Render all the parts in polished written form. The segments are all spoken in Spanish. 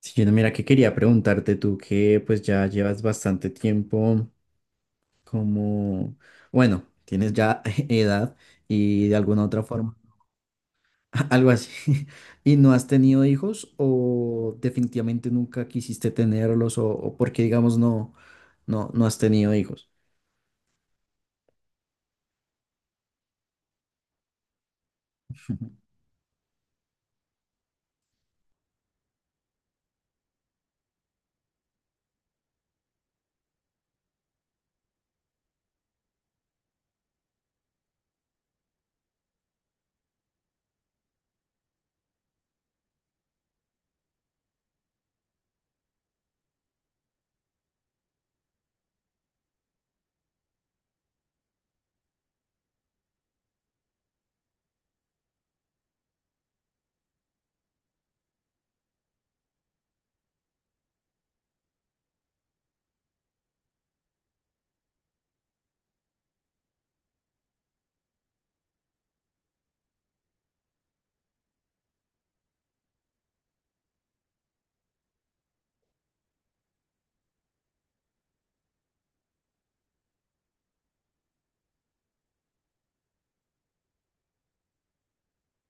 Sí, no, mira que quería preguntarte, tú que pues ya llevas bastante tiempo como, bueno, tienes ya edad y de alguna otra forma, algo así, y no has tenido hijos, o definitivamente nunca quisiste tenerlos, o porque digamos no, no has tenido hijos.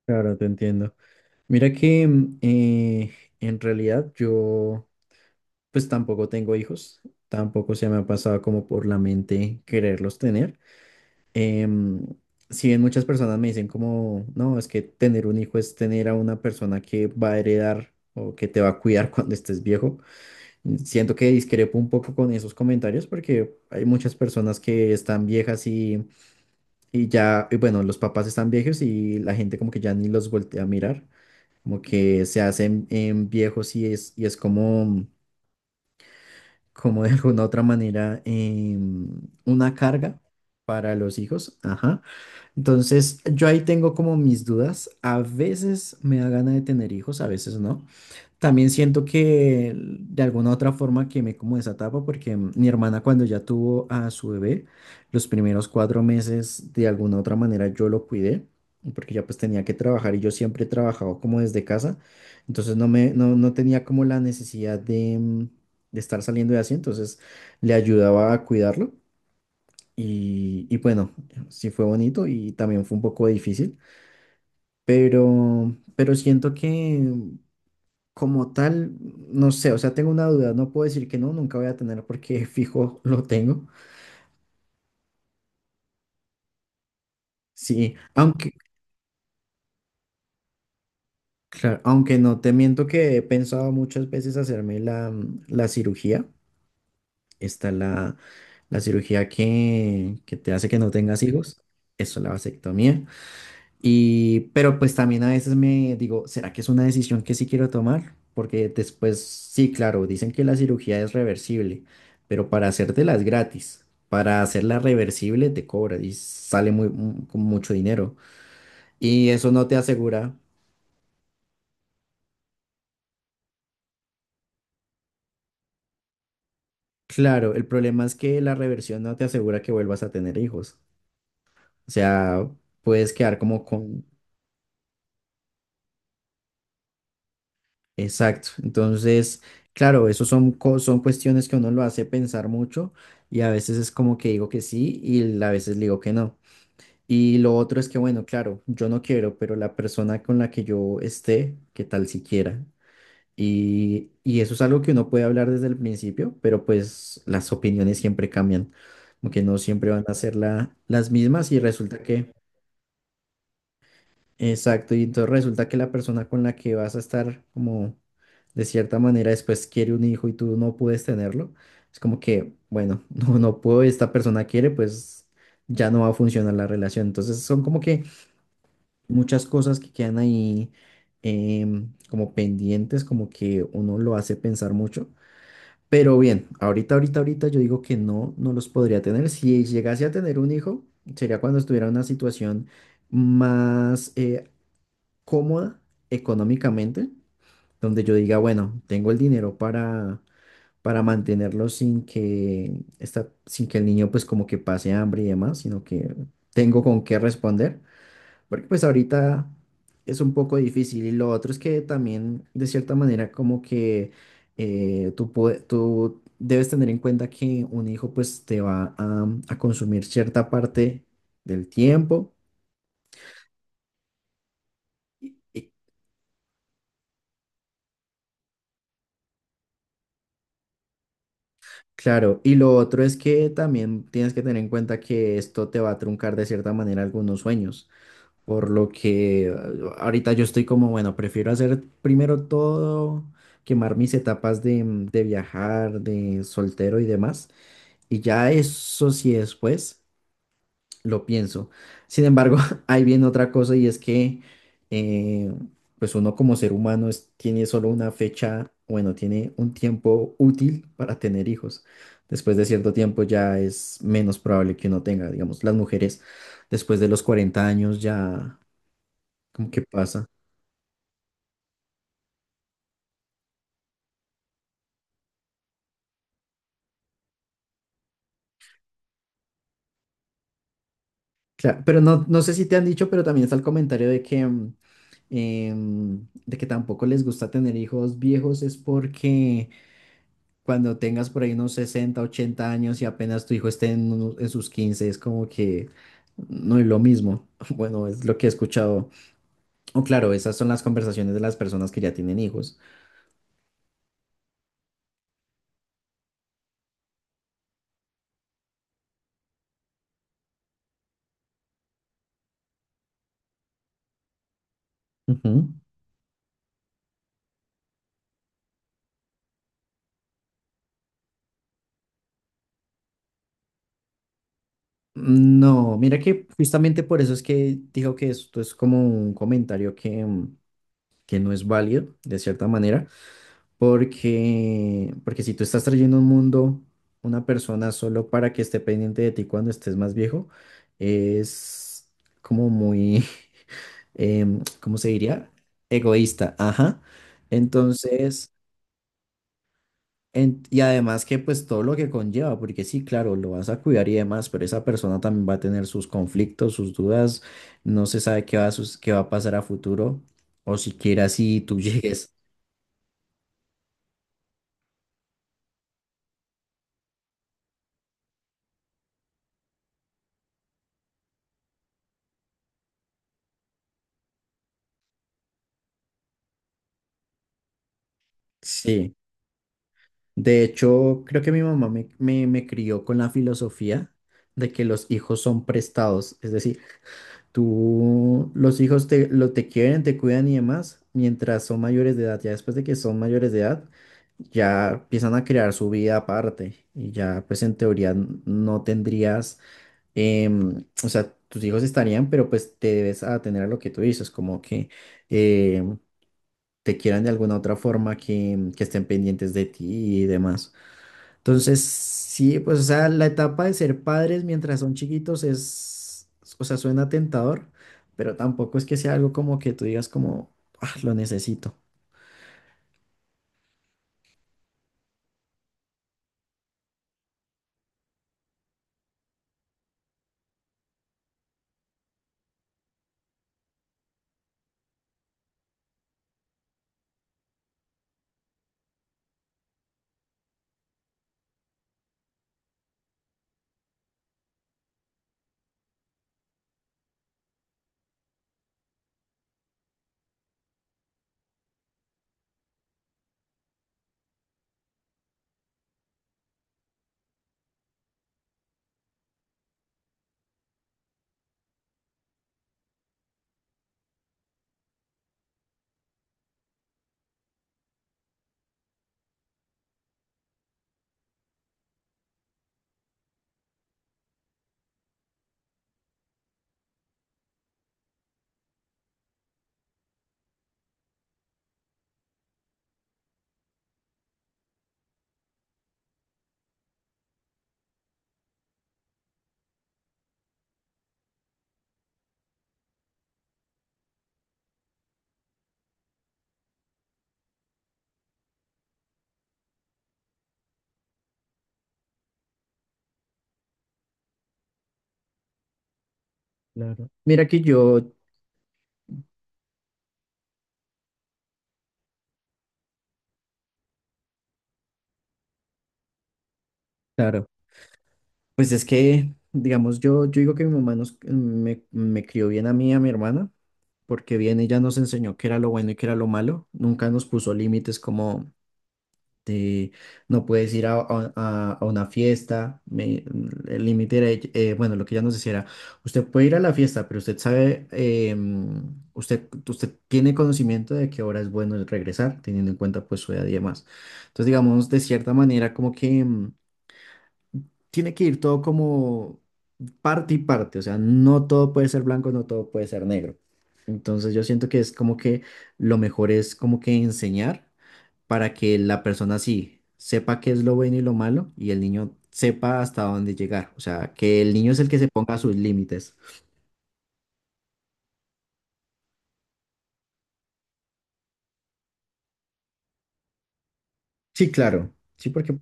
Claro, te entiendo. Mira que en realidad yo pues tampoco tengo hijos, tampoco se me ha pasado como por la mente quererlos tener. Em, si bien muchas personas me dicen como, no, es que tener un hijo es tener a una persona que va a heredar o que te va a cuidar cuando estés viejo, siento que discrepo un poco con esos comentarios porque hay muchas personas que están viejas y ya, y bueno, los papás están viejos y la gente como que ya ni los voltea a mirar, como que se hacen viejos y es como como de alguna otra manera, una carga para los hijos. Ajá. Entonces, yo ahí tengo como mis dudas. A veces me da gana de tener hijos, a veces no. También siento que de alguna u otra forma quemé como esa etapa porque mi hermana, cuando ya tuvo a su bebé, los primeros cuatro meses de alguna u otra manera yo lo cuidé porque ya pues tenía que trabajar y yo siempre he trabajado como desde casa, entonces no me no tenía como la necesidad de, de estar saliendo de así, entonces le ayudaba a cuidarlo y bueno, sí fue bonito y también fue un poco difícil, pero siento que mm, como tal, no sé, o sea, tengo una duda, no puedo decir que no, nunca voy a tener porque fijo lo tengo. Sí, aunque, claro, aunque no, te miento que he pensado muchas veces hacerme la, la cirugía. Está la, la cirugía que te hace que no tengas hijos, eso, la vasectomía. Y, pero pues también a veces me digo, ¿será que es una decisión que sí quiero tomar? Porque después, sí, claro, dicen que la cirugía es reversible, pero para hacértela es gratis. Para hacerla reversible te cobra y sale muy, mu- con mucho dinero. Y eso no te asegura, claro, el problema es que la reversión no te asegura que vuelvas a tener hijos. O sea, puedes quedar como con... Exacto. Entonces, claro, eso son, co- son cuestiones que uno lo hace pensar mucho y a veces es como que digo que sí y a veces le digo que no. Y lo otro es que, bueno, claro, yo no quiero, pero la persona con la que yo esté, qué tal si quiera. Y eso es algo que uno puede hablar desde el principio, pero pues las opiniones siempre cambian, como que no siempre van a ser la- las mismas y resulta que... Exacto, y entonces resulta que la persona con la que vas a estar como de cierta manera después quiere un hijo y tú no puedes tenerlo, es como que, bueno, no, no puedo, esta persona quiere, pues ya no va a funcionar la relación. Entonces son como que muchas cosas que quedan ahí como pendientes, como que uno lo hace pensar mucho. Pero bien, ahorita, ahorita, ahorita yo digo que no, no los podría tener. Si llegase a tener un hijo, sería cuando estuviera en una situación más avanzada, cómoda económicamente, donde yo diga, bueno, tengo el dinero para mantenerlo sin que, esta, sin que el niño pues como que pase hambre y demás, sino que tengo con qué responder, porque pues ahorita es un poco difícil. Y lo otro es que también de cierta manera como que tú, pue- tú debes tener en cuenta que un hijo pues te va a consumir cierta parte del tiempo. Claro, y lo otro es que también tienes que tener en cuenta que esto te va a truncar de cierta manera algunos sueños, por lo que ahorita yo estoy como, bueno, prefiero hacer primero todo, quemar mis etapas de, de viajar, de soltero y demás, y ya eso sí después lo pienso. Sin embargo, ahí viene otra cosa, y es que, eh, pues uno como ser humano es- tiene solo una fecha, bueno, tiene un tiempo útil para tener hijos. Después de cierto tiempo ya es menos probable que uno tenga, digamos, las mujeres después de los 40 años ya como que pasa. Claro, pero no, no sé si te han dicho, pero también está el comentario de que, de que tampoco les gusta tener hijos viejos es porque cuando tengas por ahí unos 60, 80 años y apenas tu hijo esté en, unos- en sus quince, es como que no es lo mismo. Bueno, es lo que he escuchado. O claro, esas son las conversaciones de las personas que ya tienen hijos. Ujú. No, mira que justamente por eso es que digo que esto es como un comentario que, que no es válido, de cierta manera. Porque, porque si tú estás trayendo a un mundo una persona solo para que esté pendiente de ti cuando estés más viejo, es como muy, ¿cómo se diría? Egoísta, ajá. Entonces, en- y además que pues todo lo que conlleva, porque sí, claro, lo vas a cuidar y demás, pero esa persona también va a tener sus conflictos, sus dudas, no se sabe qué va a, sus- qué va a pasar a futuro, o siquiera si tú llegues. Sí. De hecho, creo que mi mamá me crió con la filosofía de que los hijos son prestados. Es decir, tú, los hijos te, lo, te quieren, te cuidan y demás, mientras son mayores de edad. Ya después de que son mayores de edad, ya empiezan a crear su vida aparte y ya pues en teoría n- no tendrías, o sea, tus hijos estarían, pero pues te debes atener a lo que tú dices, como que em, te quieran de alguna otra forma, que estén pendientes de ti y demás. Entonces, sí, pues, o sea, la etapa de ser padres mientras son chiquitos es, o sea, suena tentador, pero tampoco es que sea algo como que tú digas como, ah, lo necesito. Claro. Mira que yo, claro, pues es que, digamos, yo digo que mi mamá nos, me crió bien a mí y a mi hermana, porque bien ella nos enseñó qué era lo bueno y qué era lo malo, nunca nos puso límites como... Este, no puedes ir a una fiesta. Me- el límite era, bueno, lo que ya nos decía era, usted puede ir a la fiesta, pero usted sabe, usted, usted tiene conocimiento de qué hora es bueno el regresar, teniendo en cuenta pues su edad y demás. Entonces, digamos, de cierta manera, como que tiene que ir todo como parte y parte, o sea, no todo puede ser blanco, no todo puede ser negro. Entonces, yo siento que es como que lo mejor es como que enseñar para que la persona sí sepa qué es lo bueno y lo malo y el niño sepa hasta dónde llegar. O sea, que el niño es el que se ponga sus límites. Sí, claro. Sí, porque...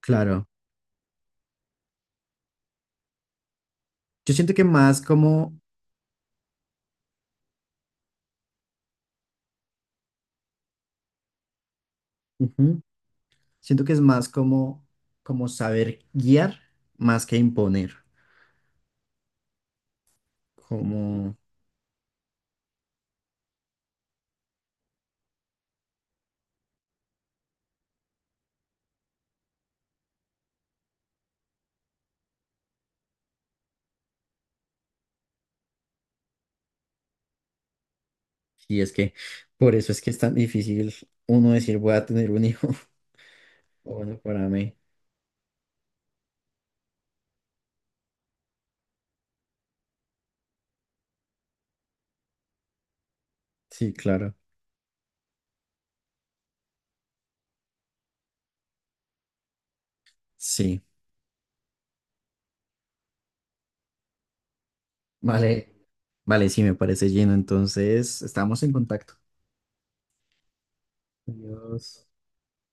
Claro. Yo siento que más como, ujú, siento que es más como, como saber guiar más que imponer. Como... Y es que por eso es que es tan difícil uno decir voy a tener un hijo. O bueno, para mí. Sí, claro. Sí. Vale. Vale, sí, me parece lleno. Entonces, estamos en contacto. Adiós.